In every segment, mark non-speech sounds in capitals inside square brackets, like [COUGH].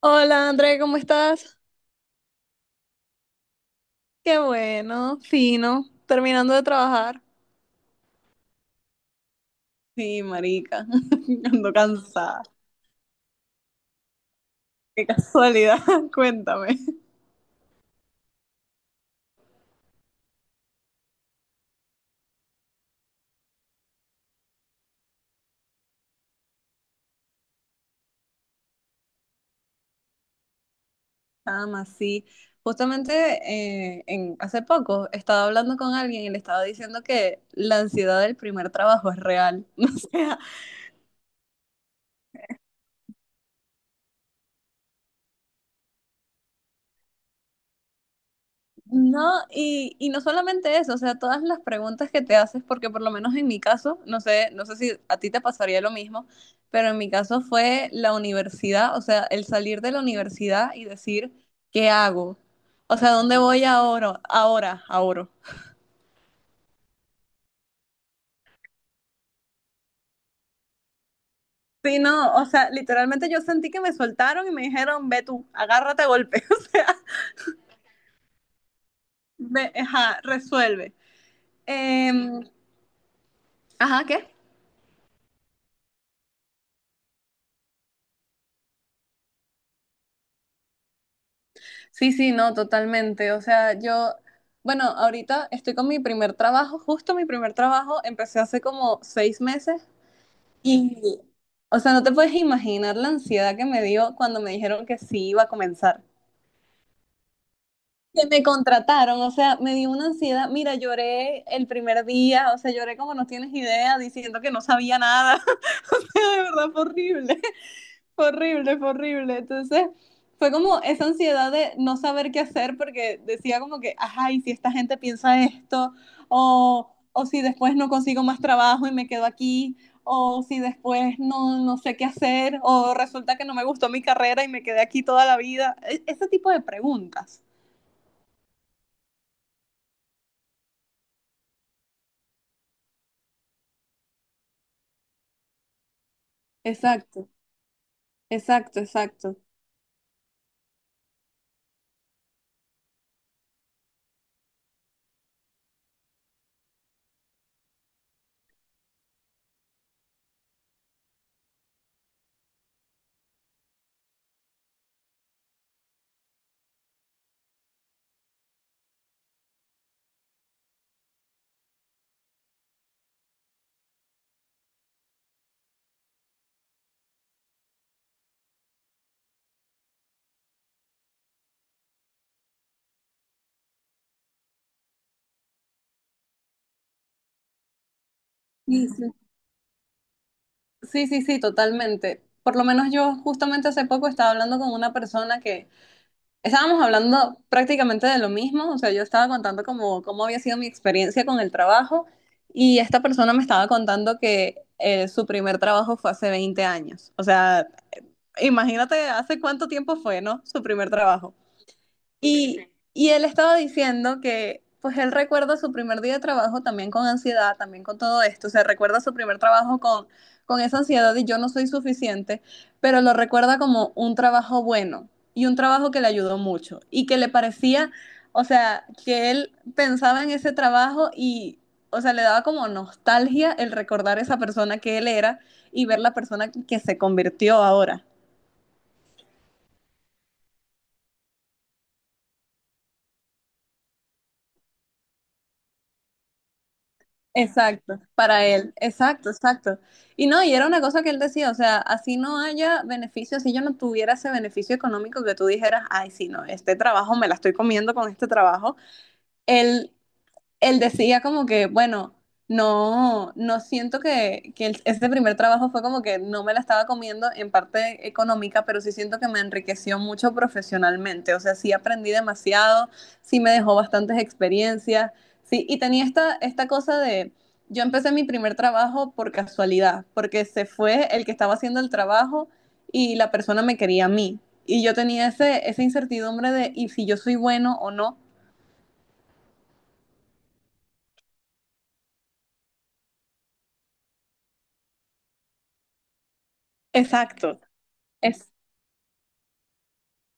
Hola André, ¿cómo estás? Qué bueno, fino, terminando de trabajar. Sí, marica, [LAUGHS] ando cansada. Qué casualidad, [LAUGHS] cuéntame. Nada más, sí. Justamente hace poco estaba hablando con alguien y le estaba diciendo que la ansiedad del primer trabajo es real. [LAUGHS] No sé. No, y no solamente eso, o sea, todas las preguntas que te haces, porque por lo menos en mi caso, no sé, no sé si a ti te pasaría lo mismo, pero en mi caso fue la universidad, o sea, el salir de la universidad y decir, ¿qué hago? O sea, ¿dónde voy ahora? Ahora, ahora. Sí, no, o sea, literalmente yo sentí que me soltaron y me dijeron, ve tú, agárrate a golpe, [LAUGHS] o sea, ve, ajá, resuelve. Em, ajá, ¿qué? Sí, sí, no, totalmente. O sea, yo, bueno, ahorita estoy con mi primer trabajo, justo mi primer trabajo, empecé hace como 6 meses y, o sea, no te puedes imaginar la ansiedad que me dio cuando me dijeron que sí iba a comenzar. Que me contrataron, o sea, me dio una ansiedad. Mira, lloré el primer día, o sea, lloré como no tienes idea, diciendo que no sabía nada. [LAUGHS] O sea, de verdad fue horrible. Fue horrible, fue horrible. Entonces, fue como esa ansiedad de no saber qué hacer porque decía como que, ajá, y si esta gente piensa esto, o si después no consigo más trabajo y me quedo aquí, o si después no, no sé qué hacer, o resulta que no me gustó mi carrera y me quedé aquí toda la vida. Ese tipo de preguntas. Exacto, exacto, exacto. Sí, sí, sí, sí, sí, totalmente. Por lo menos yo justamente hace poco estaba hablando con una persona que estábamos hablando prácticamente de lo mismo, o sea, yo estaba contando como cómo había sido mi experiencia con el trabajo y esta persona me estaba contando que su primer trabajo fue hace 20 años. O sea, imagínate hace cuánto tiempo fue, ¿no? Su primer trabajo. Y, y él estaba diciendo que, pues él recuerda su primer día de trabajo también con ansiedad, también con todo esto. O sea, recuerda su primer trabajo con esa ansiedad y yo no soy suficiente, pero lo recuerda como un trabajo bueno y un trabajo que le ayudó mucho y que le parecía, o sea, que él pensaba en ese trabajo y, o sea, le daba como nostalgia el recordar esa persona que él era y ver la persona que se convirtió ahora. Exacto, para él, exacto, exacto. Y no, y era una cosa que él decía, o sea, así no haya beneficio, así yo no tuviera ese beneficio económico que tú dijeras, ay, sí, no, este trabajo me la estoy comiendo con este trabajo. Él él decía como que, bueno, no, no siento que este primer trabajo fue como que no me la estaba comiendo en parte económica, pero sí siento que me enriqueció mucho profesionalmente. O sea, sí aprendí demasiado, sí me dejó bastantes experiencias, sí, y tenía esta, esta cosa de, yo empecé mi primer trabajo por casualidad, porque se fue el que estaba haciendo el trabajo y la persona me quería a mí. Y yo tenía ese, esa incertidumbre de, ¿y si yo soy bueno o no? Exacto.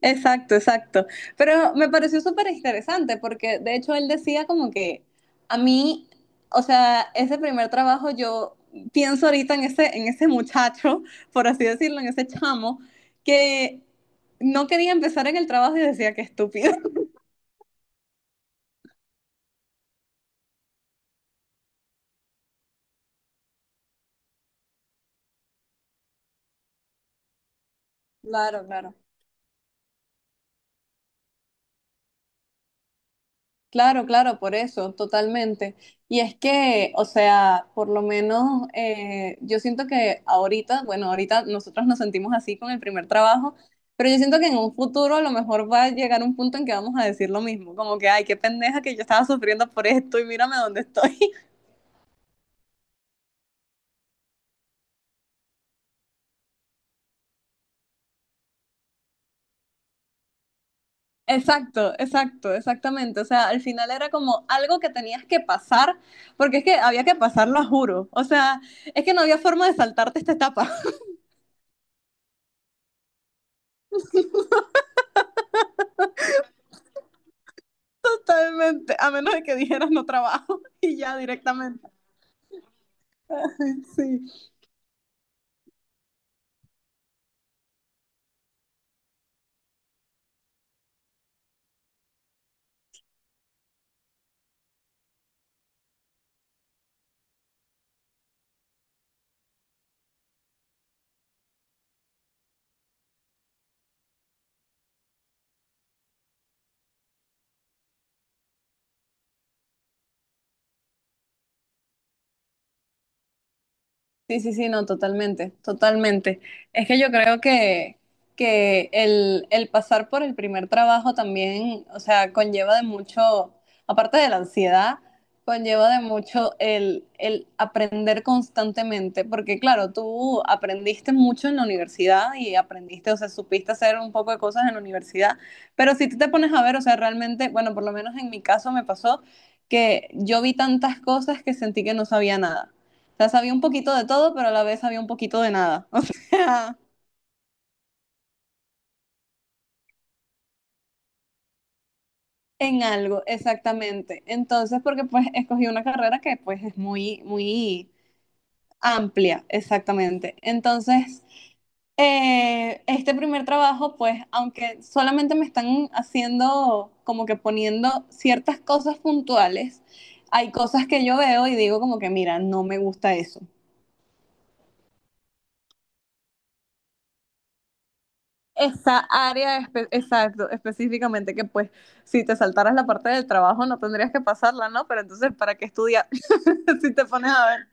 Exacto, exacto. Pero me pareció súper interesante porque de hecho él decía como que a mí, o sea, ese primer trabajo yo pienso ahorita en ese muchacho, [LAUGHS] por así decirlo, en ese chamo, que no quería empezar en el trabajo y decía que estúpido. [LAUGHS] Claro, claro. Claro, claro, por eso, totalmente. Y es que, o sea, por lo menos yo siento que ahorita, bueno, ahorita nosotros nos sentimos así con el primer trabajo, pero yo siento que en un futuro a lo mejor va a llegar un punto en que vamos a decir lo mismo, como que, ay, qué pendeja que yo estaba sufriendo por esto y mírame dónde estoy. [LAUGHS] Exacto, exacto, exactamente. O sea, al final era como algo que tenías que pasar, porque es que había que pasarlo, a juro. O sea, es que no había forma de saltarte esta etapa. Totalmente, a menos de que dijeras no trabajo [LAUGHS] y ya directamente. [LAUGHS] Sí, sí, sí, sí, no, totalmente, totalmente. Es que yo creo que el pasar por el primer trabajo también, o sea, conlleva de mucho, aparte de la ansiedad, conlleva de mucho el aprender constantemente, porque claro, tú aprendiste mucho en la universidad y aprendiste, o sea, supiste hacer un poco de cosas en la universidad, pero si tú te pones a ver, o sea, realmente, bueno, por lo menos en mi caso me pasó que yo vi tantas cosas que sentí que no sabía nada. O sea, sabía un poquito de todo, pero a la vez sabía un poquito de nada. [LAUGHS] O sea, en algo, exactamente. Entonces, porque pues escogí una carrera que pues es muy, muy amplia, exactamente. Entonces, este primer trabajo, pues, aunque solamente me están haciendo como que poniendo ciertas cosas puntuales, hay cosas que yo veo y digo como que, mira, no me gusta eso. Esa área, exacto, específicamente, que pues si te saltaras la parte del trabajo no tendrías que pasarla, ¿no? Pero entonces, ¿para qué estudiar? [LAUGHS] Si te pones a ver.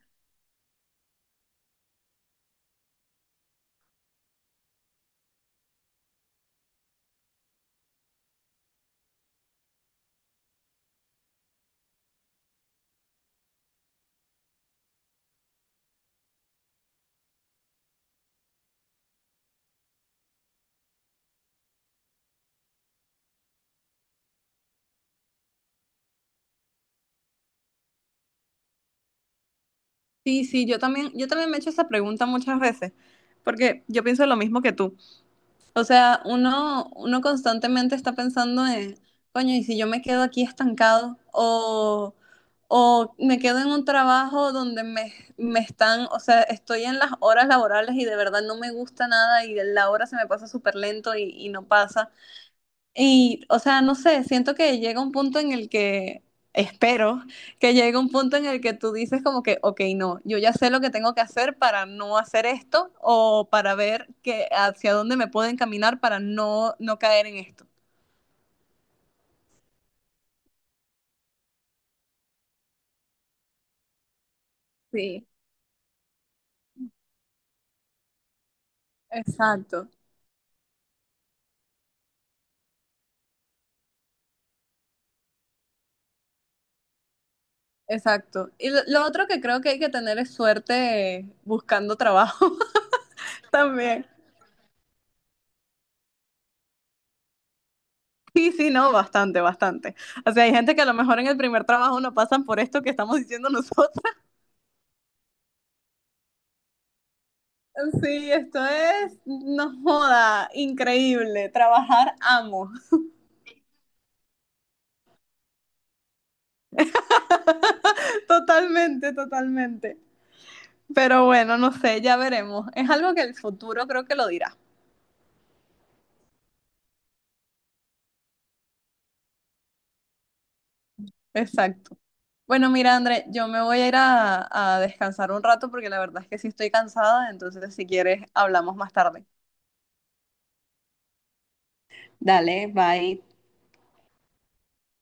Sí, sí, yo también me he hecho esa pregunta muchas veces, porque yo pienso lo mismo que tú. O sea, uno, uno constantemente está pensando en, coño, ¿y si yo me quedo aquí estancado? O me quedo en un trabajo donde me están, o sea, estoy en las horas laborales y de verdad no me gusta nada y la hora se me pasa súper lento y no pasa. Y, o sea, no sé, siento que llega un punto en el que, espero, que llegue un punto en el que tú dices como que, ok, no, yo ya sé lo que tengo que hacer para no hacer esto o para ver que hacia dónde me puedo encaminar para no, no caer en esto. Sí. Exacto, exacto. Y lo otro que creo que hay que tener es suerte buscando trabajo [LAUGHS] también. Sí, sí, no, bastante, bastante. O sea, hay gente que a lo mejor en el primer trabajo no pasan por esto que estamos diciendo nosotros. Sí, esto es, no joda, increíble. Trabajar amo. [LAUGHS] Totalmente, totalmente. Pero bueno, no sé, ya veremos. Es algo que el futuro creo que lo dirá. Exacto. Bueno, mira, André, yo me voy a ir a descansar un rato porque la verdad es que sí estoy cansada, entonces si quieres hablamos más tarde. Dale, bye.